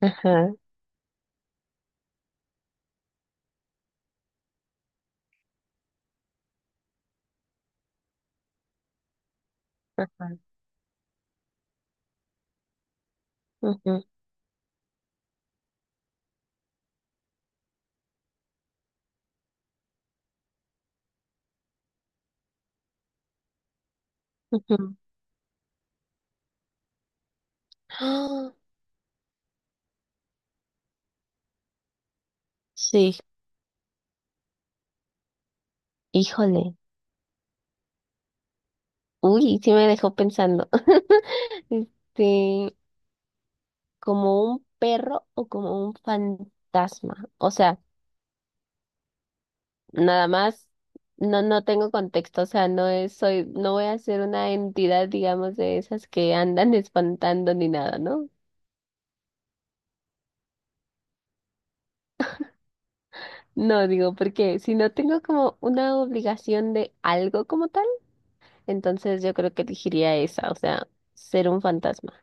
Ajá, ajá, ujú, ujú. ¡Ah! Sí, híjole. Uy, sí me dejó pensando. Este, Como un perro o como un fantasma. O sea, nada más, no tengo contexto. O sea, no es, soy, no voy a ser una entidad, digamos, de esas que andan espantando ni nada, ¿no? No, digo, porque si no tengo como una obligación de algo como tal, entonces yo creo que elegiría esa, o sea, ser un fantasma.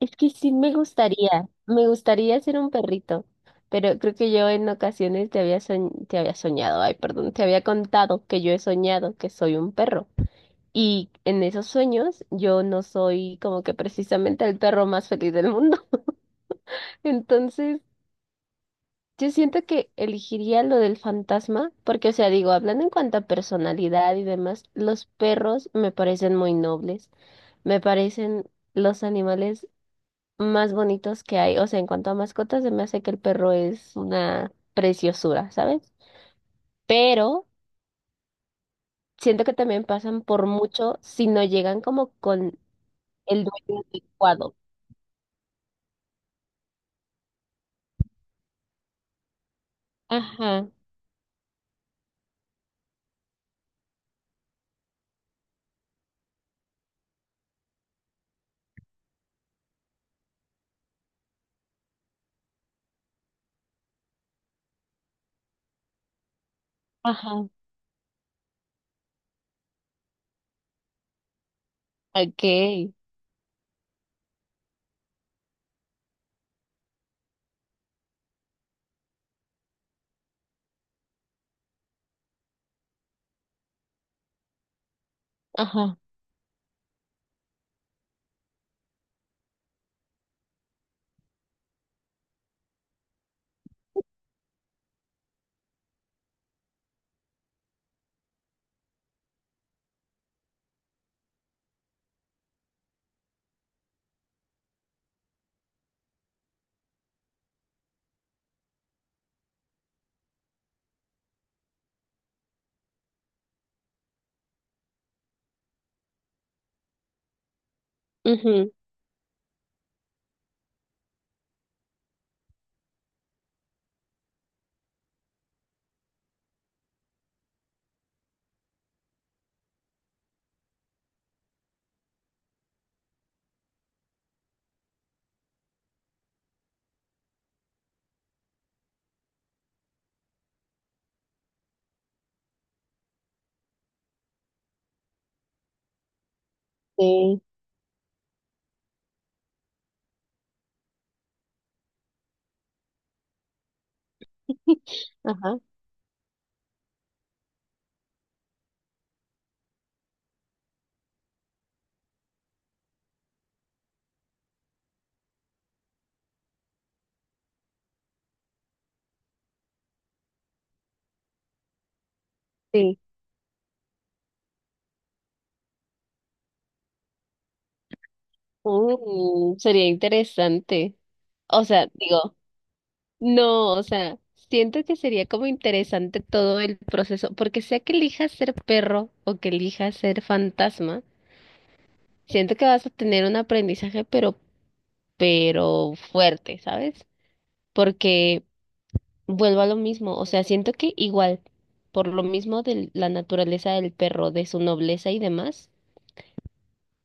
Es que sí me gustaría ser un perrito, pero creo que yo en ocasiones te había soñado, ay, perdón, te había contado que yo he soñado que soy un perro. Y en esos sueños yo no soy como que precisamente el perro más feliz del mundo. Entonces, yo siento que elegiría lo del fantasma, porque, o sea, digo, hablando en cuanto a personalidad y demás, los perros me parecen muy nobles, me parecen los animales más bonitos que hay. O sea, en cuanto a mascotas, se me hace que el perro es una preciosura, ¿sabes? Pero siento que también pasan por mucho si no llegan como con el dueño adecuado. Ajá, ajá, ok, ajá, ujú, sí, ajá, sí. Sería interesante. O sea, digo, no, o sea, siento que sería como interesante todo el proceso, porque sea que elijas ser perro o que elijas ser fantasma, siento que vas a tener un aprendizaje, pero fuerte, ¿sabes? Porque vuelvo a lo mismo, o sea, siento que igual, por lo mismo de la naturaleza del perro, de su nobleza y demás,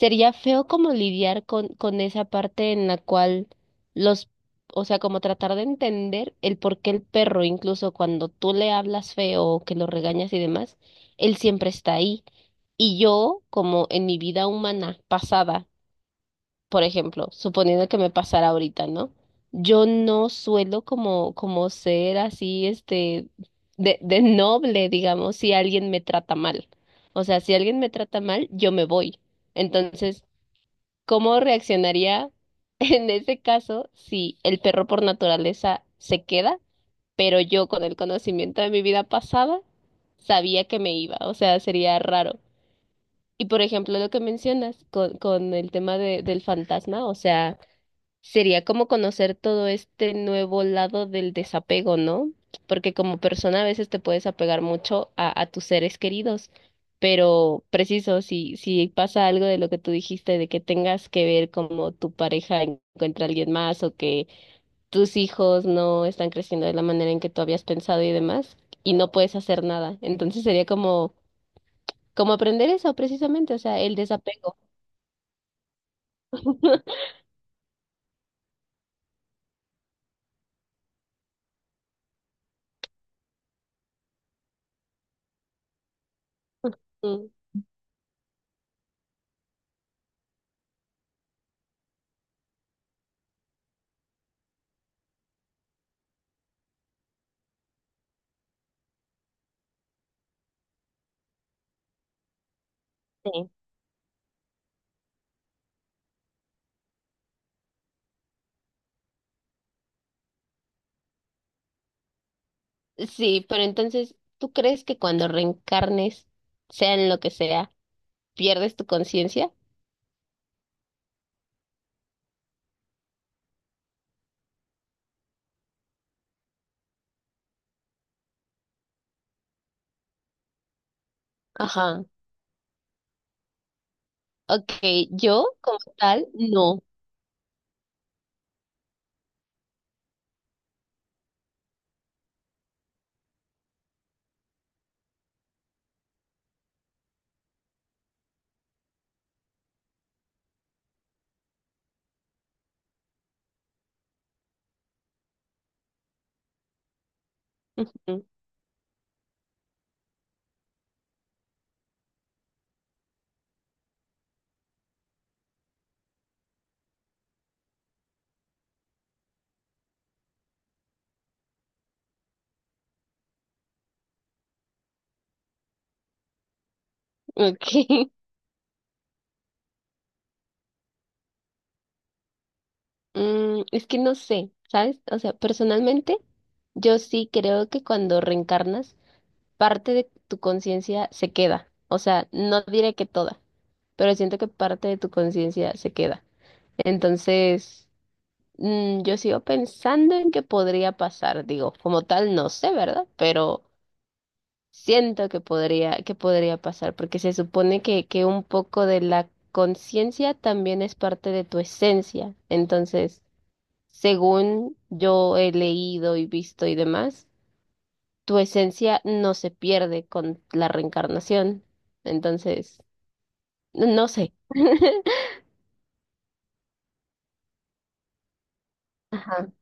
sería feo como lidiar con esa parte en la cual los, o sea, como tratar de entender el por qué el perro, incluso cuando tú le hablas feo o que lo regañas y demás, él siempre está ahí. Y yo, como en mi vida humana pasada, por ejemplo, suponiendo que me pasara ahorita, ¿no? Yo no suelo como, como ser así, de noble, digamos, si alguien me trata mal. O sea, si alguien me trata mal, yo me voy. Entonces, ¿cómo reaccionaría en ese caso si el perro por naturaleza se queda, pero yo con el conocimiento de mi vida pasada sabía que me iba? O sea, sería raro. Y por ejemplo, lo que mencionas con el tema de, del fantasma, o sea, sería como conocer todo este nuevo lado del desapego, ¿no? Porque como persona a veces te puedes apegar mucho a tus seres queridos, pero preciso, si pasa algo de lo que tú dijiste, de que tengas que ver como tu pareja encuentra a alguien más o que tus hijos no están creciendo de la manera en que tú habías pensado y demás, y no puedes hacer nada. Entonces sería como, como aprender eso precisamente, o sea, el desapego. Mm, sí. Sí, pero entonces, ¿tú crees que cuando reencarnes, sea en lo que sea, pierdes tu conciencia? Ajá. Ok, yo como tal, no. Ujú, ok. Mm, es que no sé, ¿sabes? O sea, personalmente, yo sí creo que cuando reencarnas, parte de tu conciencia se queda. O sea, no diré que toda, pero siento que parte de tu conciencia se queda. Entonces, mm, yo sigo pensando en que podría pasar, digo, como tal no sé, ¿verdad? Pero siento que podría pasar, porque se supone que un poco de la conciencia también es parte de tu esencia. Entonces, según yo he leído y visto y demás, tu esencia no se pierde con la reencarnación. Entonces, no sé. Ajá.